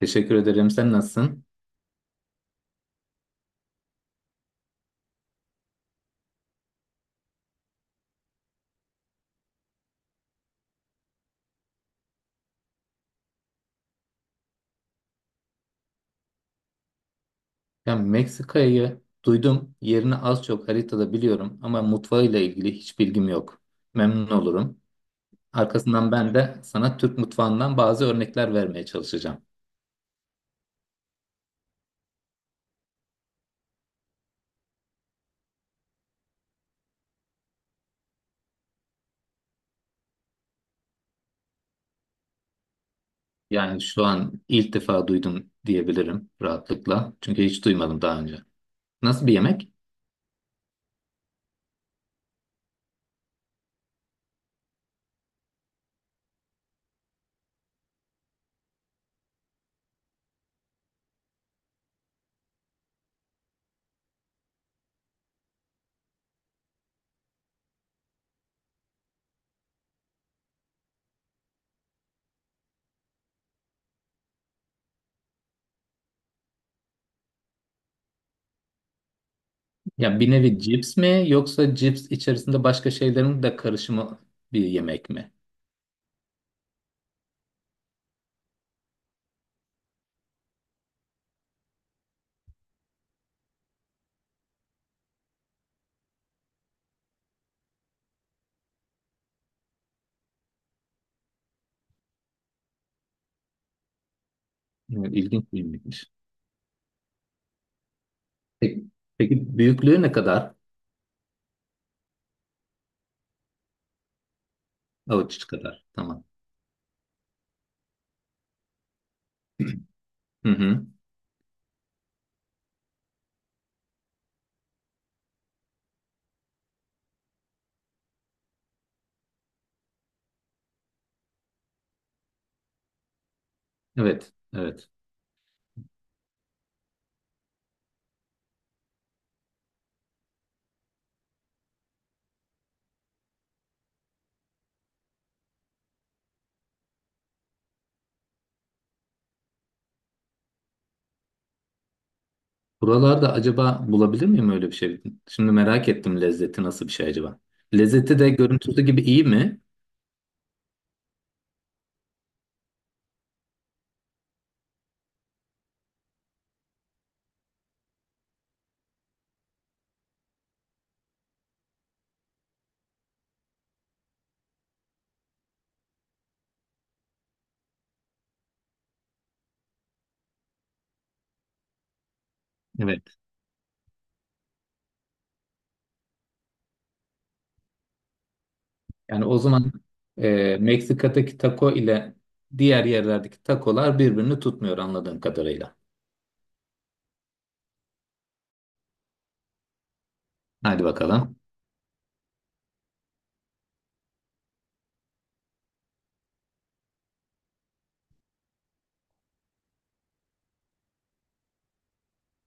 Teşekkür ederim. Sen nasılsın? Ya Meksika'yı duydum. Yerini az çok haritada biliyorum ama mutfağıyla ilgili hiç bilgim yok. Memnun olurum. Arkasından ben de sana Türk mutfağından bazı örnekler vermeye çalışacağım. Yani şu an ilk defa duydum diyebilirim rahatlıkla. Çünkü hiç duymadım daha önce. Nasıl bir yemek? Ya bir nevi cips mi yoksa cips içerisinde başka şeylerin de karışımı bir yemek mi? Yani İlginç bir yemekmiş. Peki, peki büyüklüğü ne kadar? Avuç içi kadar. Tamam. Hı hı. Evet, evet. Buralarda acaba bulabilir miyim öyle bir şey? Şimdi merak ettim, lezzeti nasıl bir şey acaba? Lezzeti de görüntüsü gibi iyi mi? Evet. Yani o zaman Meksika'daki taco ile diğer yerlerdeki takolar birbirini tutmuyor anladığım kadarıyla. Hadi bakalım.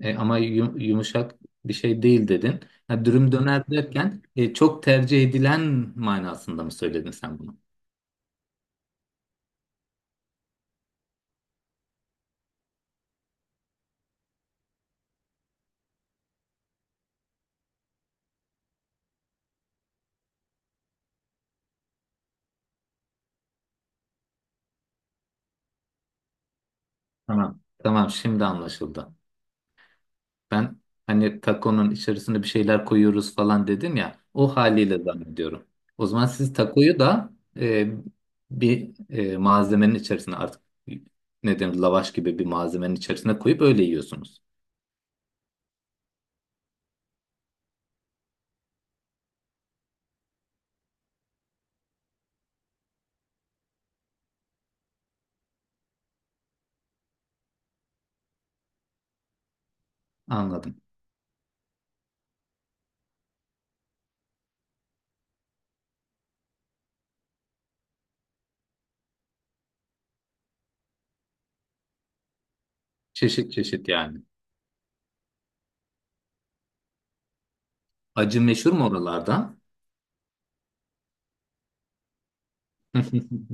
Ama yumuşak bir şey değil dedin. Ha, dürüm döner derken çok tercih edilen manasında mı söyledin sen bunu? Tamam. Tamam, şimdi anlaşıldı. Ben hani takonun içerisine bir şeyler koyuyoruz falan dedim ya. O haliyle zannediyorum. O zaman siz takoyu da e, bir malzemenin içerisine artık ne denir, lavaş gibi bir malzemenin içerisine koyup öyle yiyorsunuz. Anladım. Çeşit çeşit yani. Acı meşhur mu oralarda?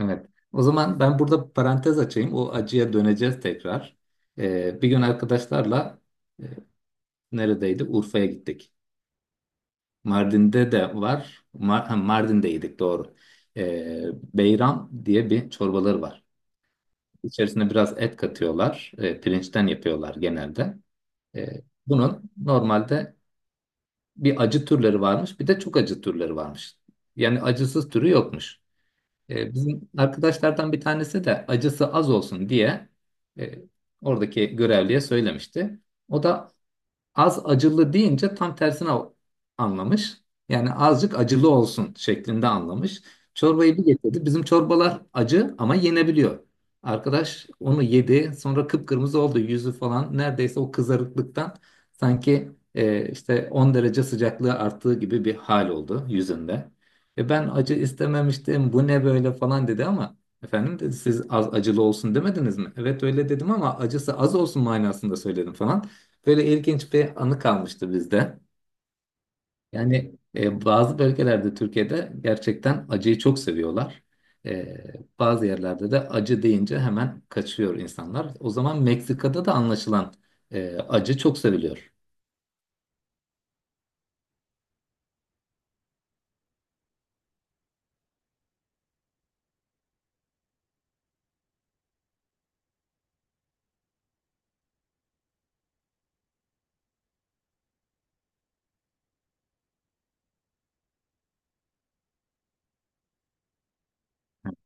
Evet. O zaman ben burada parantez açayım. O acıya döneceğiz tekrar. Bir gün arkadaşlarla, e, neredeydi, Urfa'ya gittik. Mardin'de de var. Mardin'deydik doğru. Ee, Beyran diye bir çorbaları var. İçerisine biraz et katıyorlar. Pirinçten yapıyorlar genelde. Ee, Bunun normalde bir acı türleri varmış, bir de çok acı türleri varmış. Yani acısız türü yokmuş. Bizim arkadaşlardan bir tanesi de acısı az olsun diye e, oradaki görevliye söylemişti. O da az acılı deyince tam tersine anlamış. Yani azıcık acılı olsun şeklinde anlamış. Çorbayı bir getirdi. Bizim çorbalar acı ama yenebiliyor. Arkadaş onu yedi. Sonra kıpkırmızı oldu yüzü falan. Neredeyse o kızarıklıktan, sanki işte 10 derece sıcaklığı arttığı gibi bir hal oldu yüzünde. E ben acı istememiştim, bu ne böyle falan dedi ama efendim dedi, siz az acılı olsun demediniz mi? Evet öyle dedim ama acısı az olsun manasında söyledim falan. Böyle ilginç bir anı kalmıştı bizde. Yani bazı bölgelerde Türkiye'de gerçekten acıyı çok seviyorlar. E, Bazı yerlerde de acı deyince hemen kaçıyor insanlar. O zaman Meksika'da da anlaşılan acı çok seviliyor.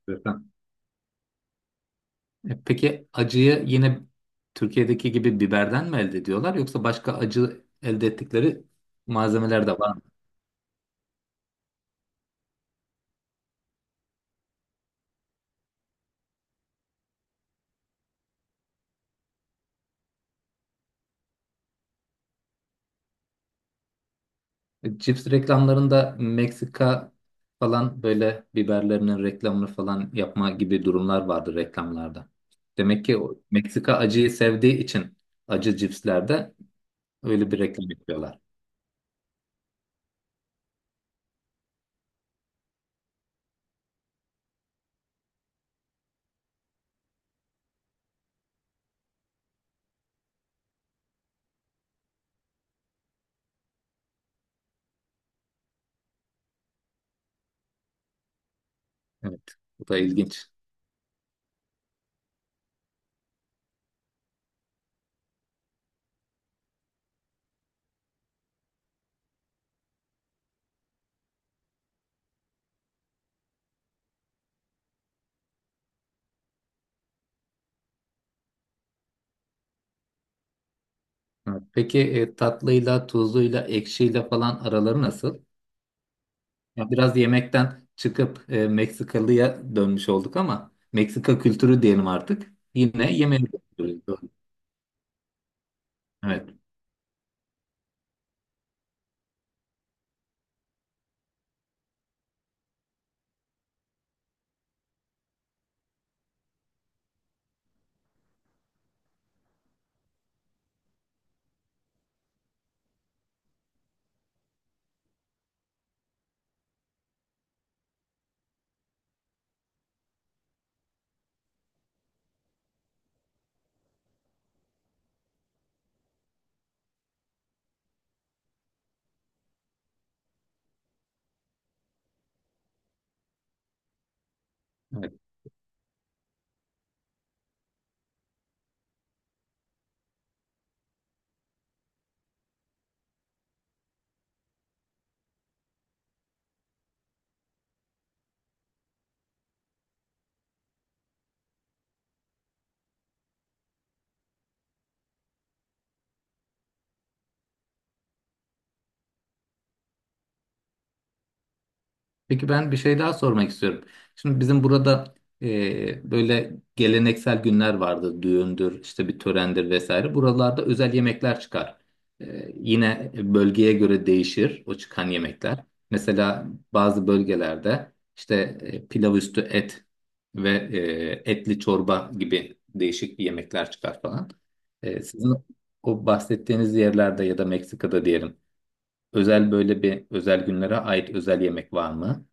Evet. Peki acıyı yine Türkiye'deki gibi biberden mi elde ediyorlar, yoksa başka acı elde ettikleri malzemeler de var mı? Cips reklamlarında Meksika falan, böyle biberlerinin reklamını falan yapma gibi durumlar vardı reklamlarda. Demek ki o Meksika acıyı sevdiği için acı cipslerde öyle bir reklam yapıyorlar. Evet, bu da ilginç. Evet, peki tatlıyla, tuzluyla, ekşiyle falan araları nasıl? Ya biraz yemekten çıkıp Meksikalıya dönmüş olduk, ama Meksika kültürü diyelim artık. Yine yemeğe dönüyoruz. Evet. Peki ben bir şey daha sormak istiyorum. Şimdi bizim burada böyle geleneksel günler vardır. Düğündür, işte bir törendir vesaire. Buralarda özel yemekler çıkar. Yine bölgeye göre değişir o çıkan yemekler. Mesela bazı bölgelerde işte pilav üstü et ve etli çorba gibi değişik yemekler çıkar falan. Sizin o bahsettiğiniz yerlerde ya da Meksika'da diyelim, özel böyle bir özel günlere ait özel yemek var mı?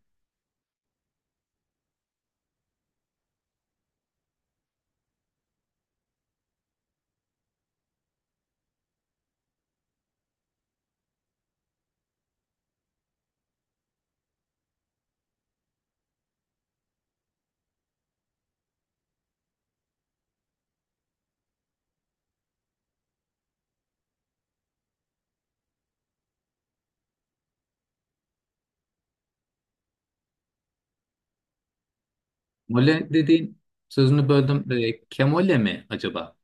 Mole dediğin, sözünü böldüm. Kemole mi acaba?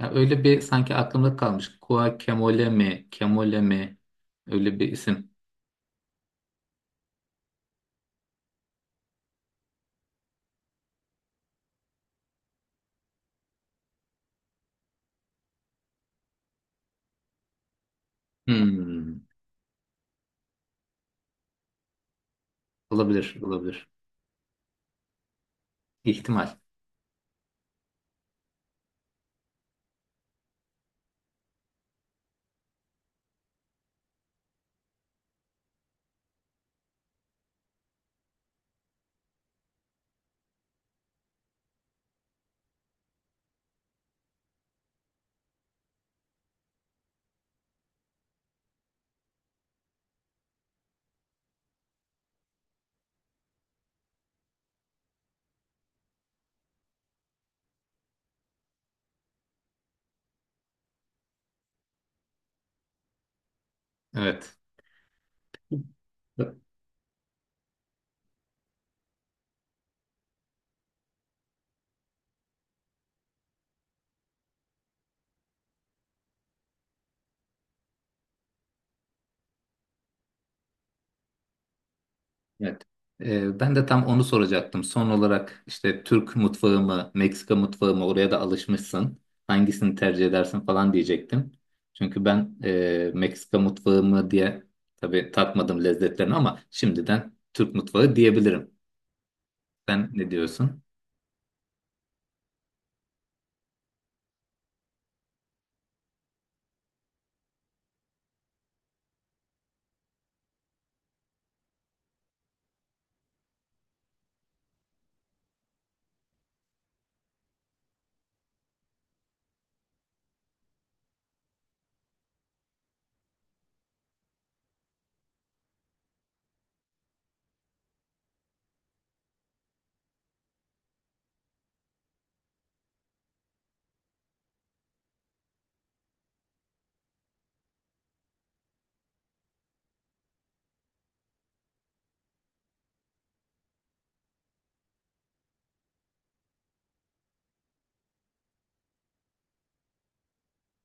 Ya öyle bir sanki aklımda kalmış. Kua kemole mi? Kemole mi? Öyle bir isim. Hmm. Olabilir, olabilir. İhtimal. Evet. Evet. Ben de tam onu soracaktım. Son olarak işte Türk mutfağı mı, Meksika mutfağı mı? Oraya da alışmışsın. Hangisini tercih edersin falan diyecektim. Çünkü ben Meksika mutfağı mı diye, tabii tatmadım lezzetlerini, ama şimdiden Türk mutfağı diyebilirim. Sen ne diyorsun?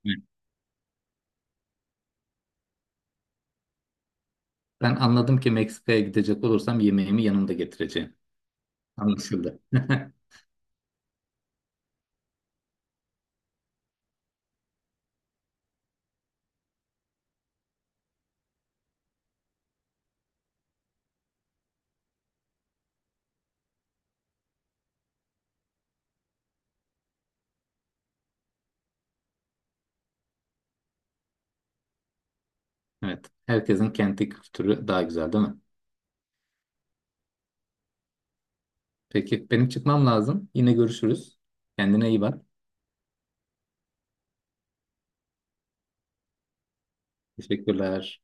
Hı. Ben anladım ki Meksika'ya gidecek olursam yemeğimi yanımda getireceğim. Anlaşıldı. Evet. Herkesin kendi kültürü daha güzel değil mi? Peki benim çıkmam lazım. Yine görüşürüz. Kendine iyi bak. Teşekkürler.